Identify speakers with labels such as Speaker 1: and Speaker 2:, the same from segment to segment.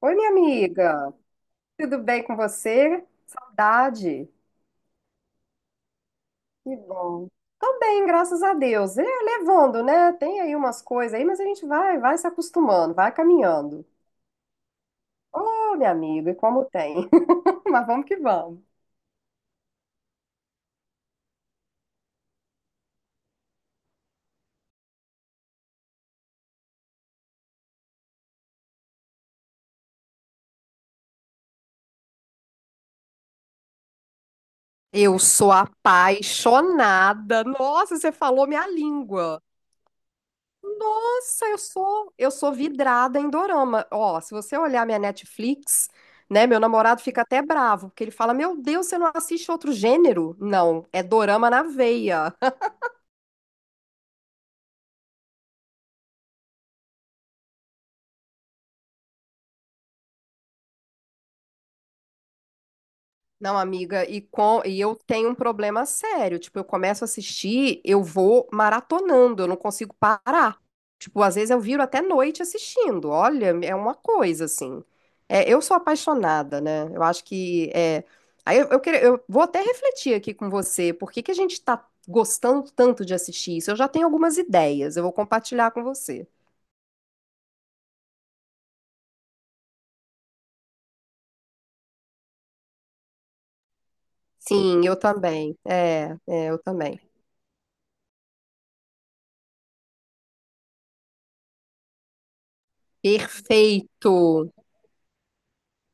Speaker 1: Oi, minha amiga, tudo bem com você? Saudade. Que bom. Tô bem, graças a Deus. É, levando, né? Tem aí umas coisas aí, mas a gente vai se acostumando, vai caminhando. Ô, minha amiga, e como tem? Mas vamos que vamos. Eu sou apaixonada. Nossa, você falou minha língua. Nossa, eu sou vidrada em dorama. Ó, se você olhar minha Netflix, né, meu namorado fica até bravo, porque ele fala: "Meu Deus, você não assiste outro gênero?" Não, é dorama na veia. Não, amiga, e eu tenho um problema sério. Tipo, eu começo a assistir, eu vou maratonando, eu não consigo parar. Tipo, às vezes eu viro até noite assistindo. Olha, é uma coisa assim. É, eu sou apaixonada, né? Eu acho que é. Aí eu, queria- Eu vou até refletir aqui com você, por que que a gente tá gostando tanto de assistir isso? Eu já tenho algumas ideias, eu vou compartilhar com você. Sim, eu também. Eu também. Perfeito.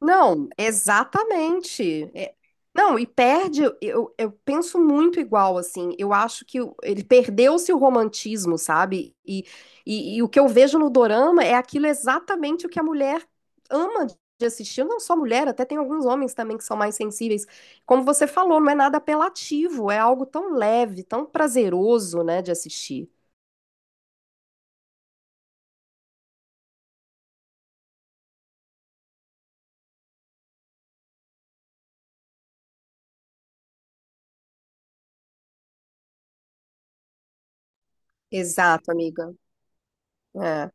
Speaker 1: Não, exatamente. É- Não, e perde, eu penso muito igual, assim. Eu acho que ele perdeu-se o romantismo, sabe? E o que eu vejo no dorama é aquilo exatamente o que a mulher ama de assistir. Não só mulher, até tem alguns homens também que são mais sensíveis. Como você falou, não é nada apelativo, é algo tão leve, tão prazeroso, né, de assistir. Exato, amiga. É.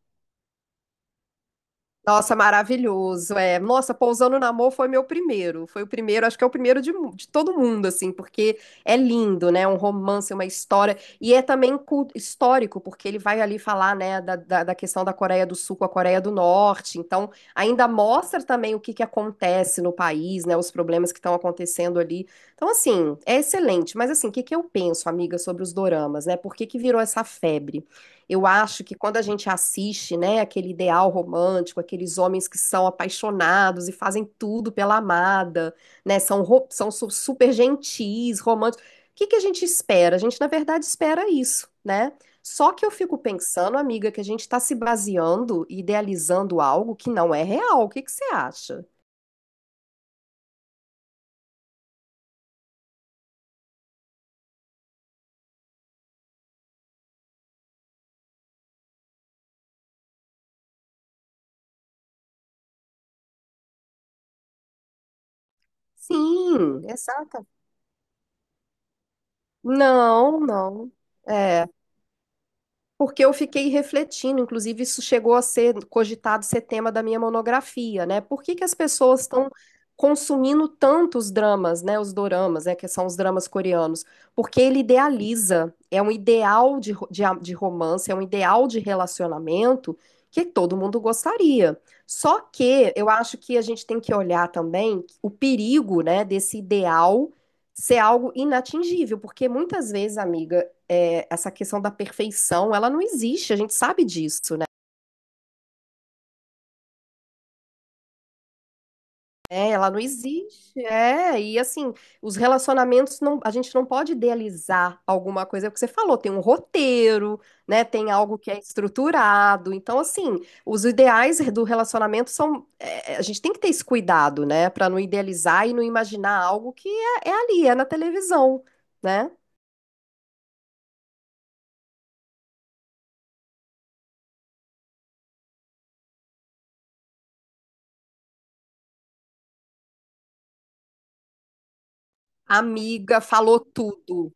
Speaker 1: Nossa, maravilhoso. É, nossa, Pousando no Amor foi meu primeiro. Foi o primeiro, acho que é o primeiro de, de todo mundo, assim, porque é lindo, né? Um romance, uma história. E é também histórico, porque ele vai ali falar, né, da questão da Coreia do Sul com a Coreia do Norte. Então, ainda mostra também o que que acontece no país, né? Os problemas que estão acontecendo ali. Então, assim, é excelente. Mas, assim, o que que eu penso, amiga, sobre os doramas, né? Por que que virou essa febre? Eu acho que quando a gente assiste, né, aquele ideal romântico, aqueles homens que são apaixonados e fazem tudo pela amada, né, são super gentis, românticos. O que que a gente espera? A gente, na verdade, espera isso, né? Só que eu fico pensando, amiga, que a gente está se baseando e idealizando algo que não é real. O que que você acha? Sim, exata. Não, não. É. Porque eu fiquei refletindo, inclusive isso chegou a ser cogitado ser tema da minha monografia, né? Por que que as pessoas estão consumindo tantos dramas, né? Os doramas, né? Que são os dramas coreanos. Porque ele idealiza, é um ideal de, de romance, é um ideal de relacionamento que todo mundo gostaria. Só que eu acho que a gente tem que olhar também o perigo, né, desse ideal ser algo inatingível, porque muitas vezes, amiga, é, essa questão da perfeição, ela não existe, a gente sabe disso, né? É, ela não existe, é, e assim, os relacionamentos, não, a gente não pode idealizar alguma coisa, é o que você falou, tem um roteiro, né, tem algo que é estruturado, então assim, os ideais do relacionamento são, é, a gente tem que ter esse cuidado, né, para não idealizar e não imaginar algo que é ali, é na televisão, né? Amiga falou tudo.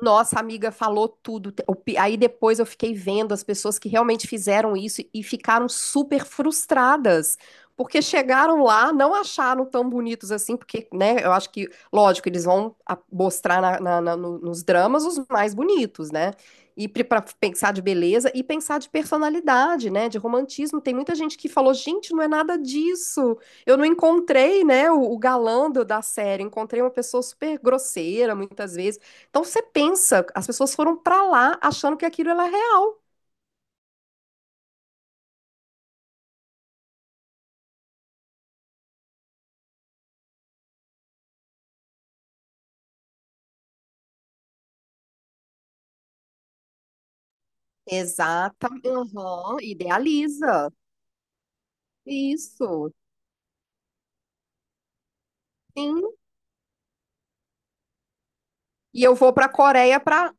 Speaker 1: Nossa, amiga falou tudo. Aí depois eu fiquei vendo as pessoas que realmente fizeram isso e ficaram super frustradas, porque chegaram lá, não acharam tão bonitos assim, porque, né, eu acho que, lógico, eles vão mostrar nos dramas os mais bonitos, né? E para pensar de beleza e pensar de personalidade, né, de romantismo. Tem muita gente que falou, gente, não é nada disso. Eu não encontrei, né, o galã da série. Encontrei uma pessoa super grosseira, muitas vezes então você pensa, as pessoas foram para lá achando que aquilo era real. Exatamente. Idealiza. Isso. Sim. E eu vou para a Coreia para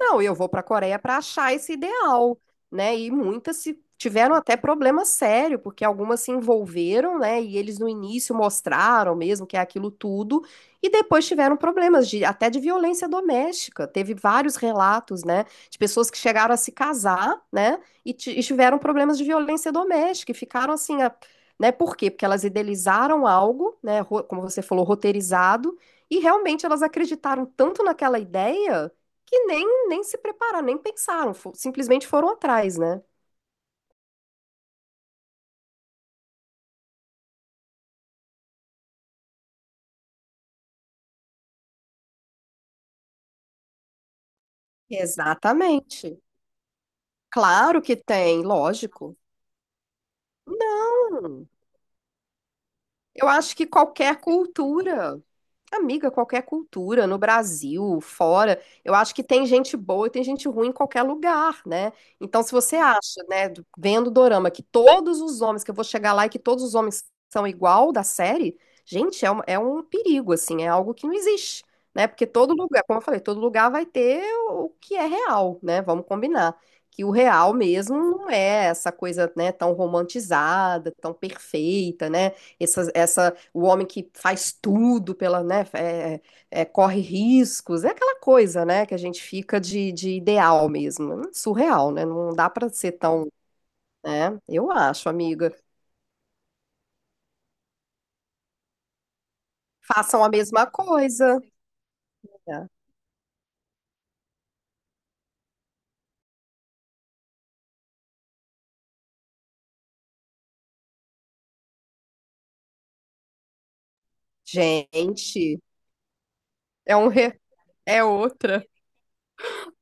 Speaker 1: Não, eu vou para a Coreia para achar esse ideal, né? E muitas se tiveram até problema sério, porque algumas se envolveram, né? E eles no início mostraram mesmo que é aquilo tudo, e depois tiveram problemas de até de violência doméstica. Teve vários relatos, né? De pessoas que chegaram a se casar, né? E tiveram problemas de violência doméstica e ficaram assim, a- né? Por quê? Porque elas idealizaram algo, né? Como você falou, roteirizado. E realmente elas acreditaram tanto naquela ideia que nem se prepararam, nem pensaram, simplesmente foram atrás, né? Exatamente. Claro que tem, lógico. Não. Eu acho que qualquer cultura, amiga, qualquer cultura, no Brasil, fora, eu acho que tem gente boa e tem gente ruim em qualquer lugar, né? Então, se você acha, né, vendo o dorama, que todos os homens, que eu vou chegar lá e que todos os homens são igual da série, gente, é um perigo, assim, é algo que não existe, né? Porque todo lugar, como eu falei, todo lugar vai ter o que é real, né? Vamos combinar. Que o real mesmo não é essa coisa, né, tão romantizada, tão perfeita, né? O homem que faz tudo pela, né, corre riscos, é aquela coisa, né, que a gente fica de ideal mesmo. É surreal, né? Não dá pra ser tão, né? Eu acho, amiga. Façam a mesma coisa. É. Gente, é um re- é outra.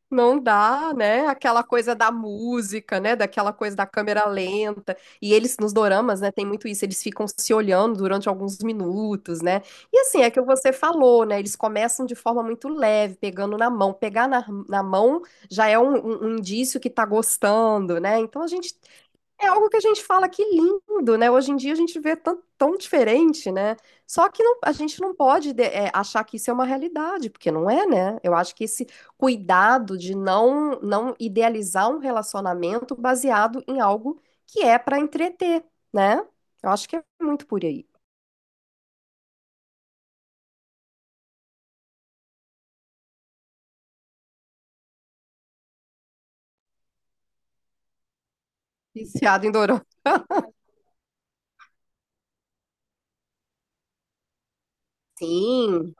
Speaker 1: Não dá, né? Aquela coisa da música, né? Daquela coisa da câmera lenta. E eles, nos doramas, né? Tem muito isso. Eles ficam se olhando durante alguns minutos, né? E assim, é que você falou, né? Eles começam de forma muito leve, pegando na mão. Pegar na mão já é um indício que tá gostando, né? Então a gente é algo que a gente fala que lindo, né? Hoje em dia a gente vê tão diferente, né? Só que a gente não pode é, achar que isso é uma realidade, porque não é, né? Eu acho que esse cuidado de não idealizar um relacionamento baseado em algo que é para entreter, né? Eu acho que é muito por aí. Viciado em dorama. Sim,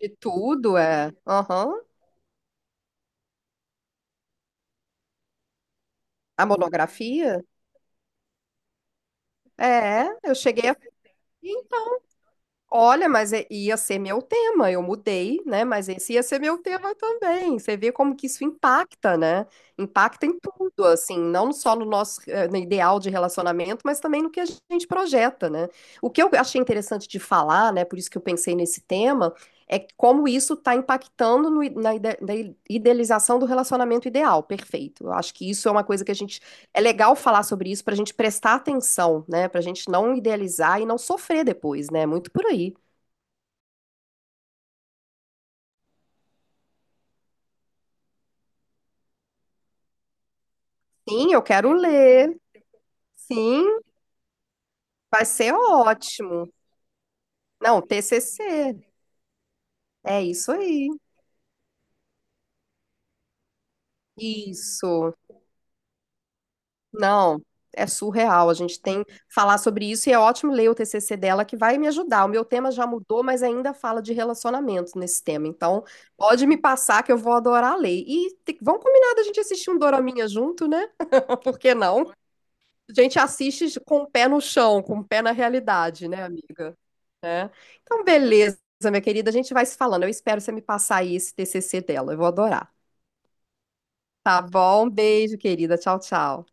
Speaker 1: de tudo é. Aham. A monografia? É, eu cheguei a. Olha, mas é- ia ser meu tema. Eu mudei, né? Mas esse ia ser meu tema também. Você vê como que isso impacta, né? Impacta em tudo, assim, não só no nosso eh, no ideal de relacionamento, mas também no que a gente projeta, né? O que eu achei interessante de falar, né? Por isso que eu pensei nesse tema, é como isso está impactando no i- na ide- na idealização do relacionamento ideal. Perfeito. Eu acho que isso é uma coisa que a gente é legal falar sobre isso para a gente prestar atenção, né? Para a gente não idealizar e não sofrer depois, né? Muito por aí. Sim, eu quero ler. Sim, vai ser ótimo. Não, TCC. É isso aí. Isso. Não, é surreal. A gente tem que falar sobre isso e é ótimo ler o TCC dela que vai me ajudar. O meu tema já mudou, mas ainda fala de relacionamento nesse tema. Então, pode me passar que eu vou adorar ler. E te- vamos combinar da gente assistir um doraminha junto, né? Por que não? A gente assiste com o pé no chão, com o pé na realidade, né, amiga? É. Então, beleza, minha querida, a gente vai se falando. Eu espero você me passar aí esse TCC dela, eu vou adorar. Tá bom? Um beijo, querida. Tchau, tchau.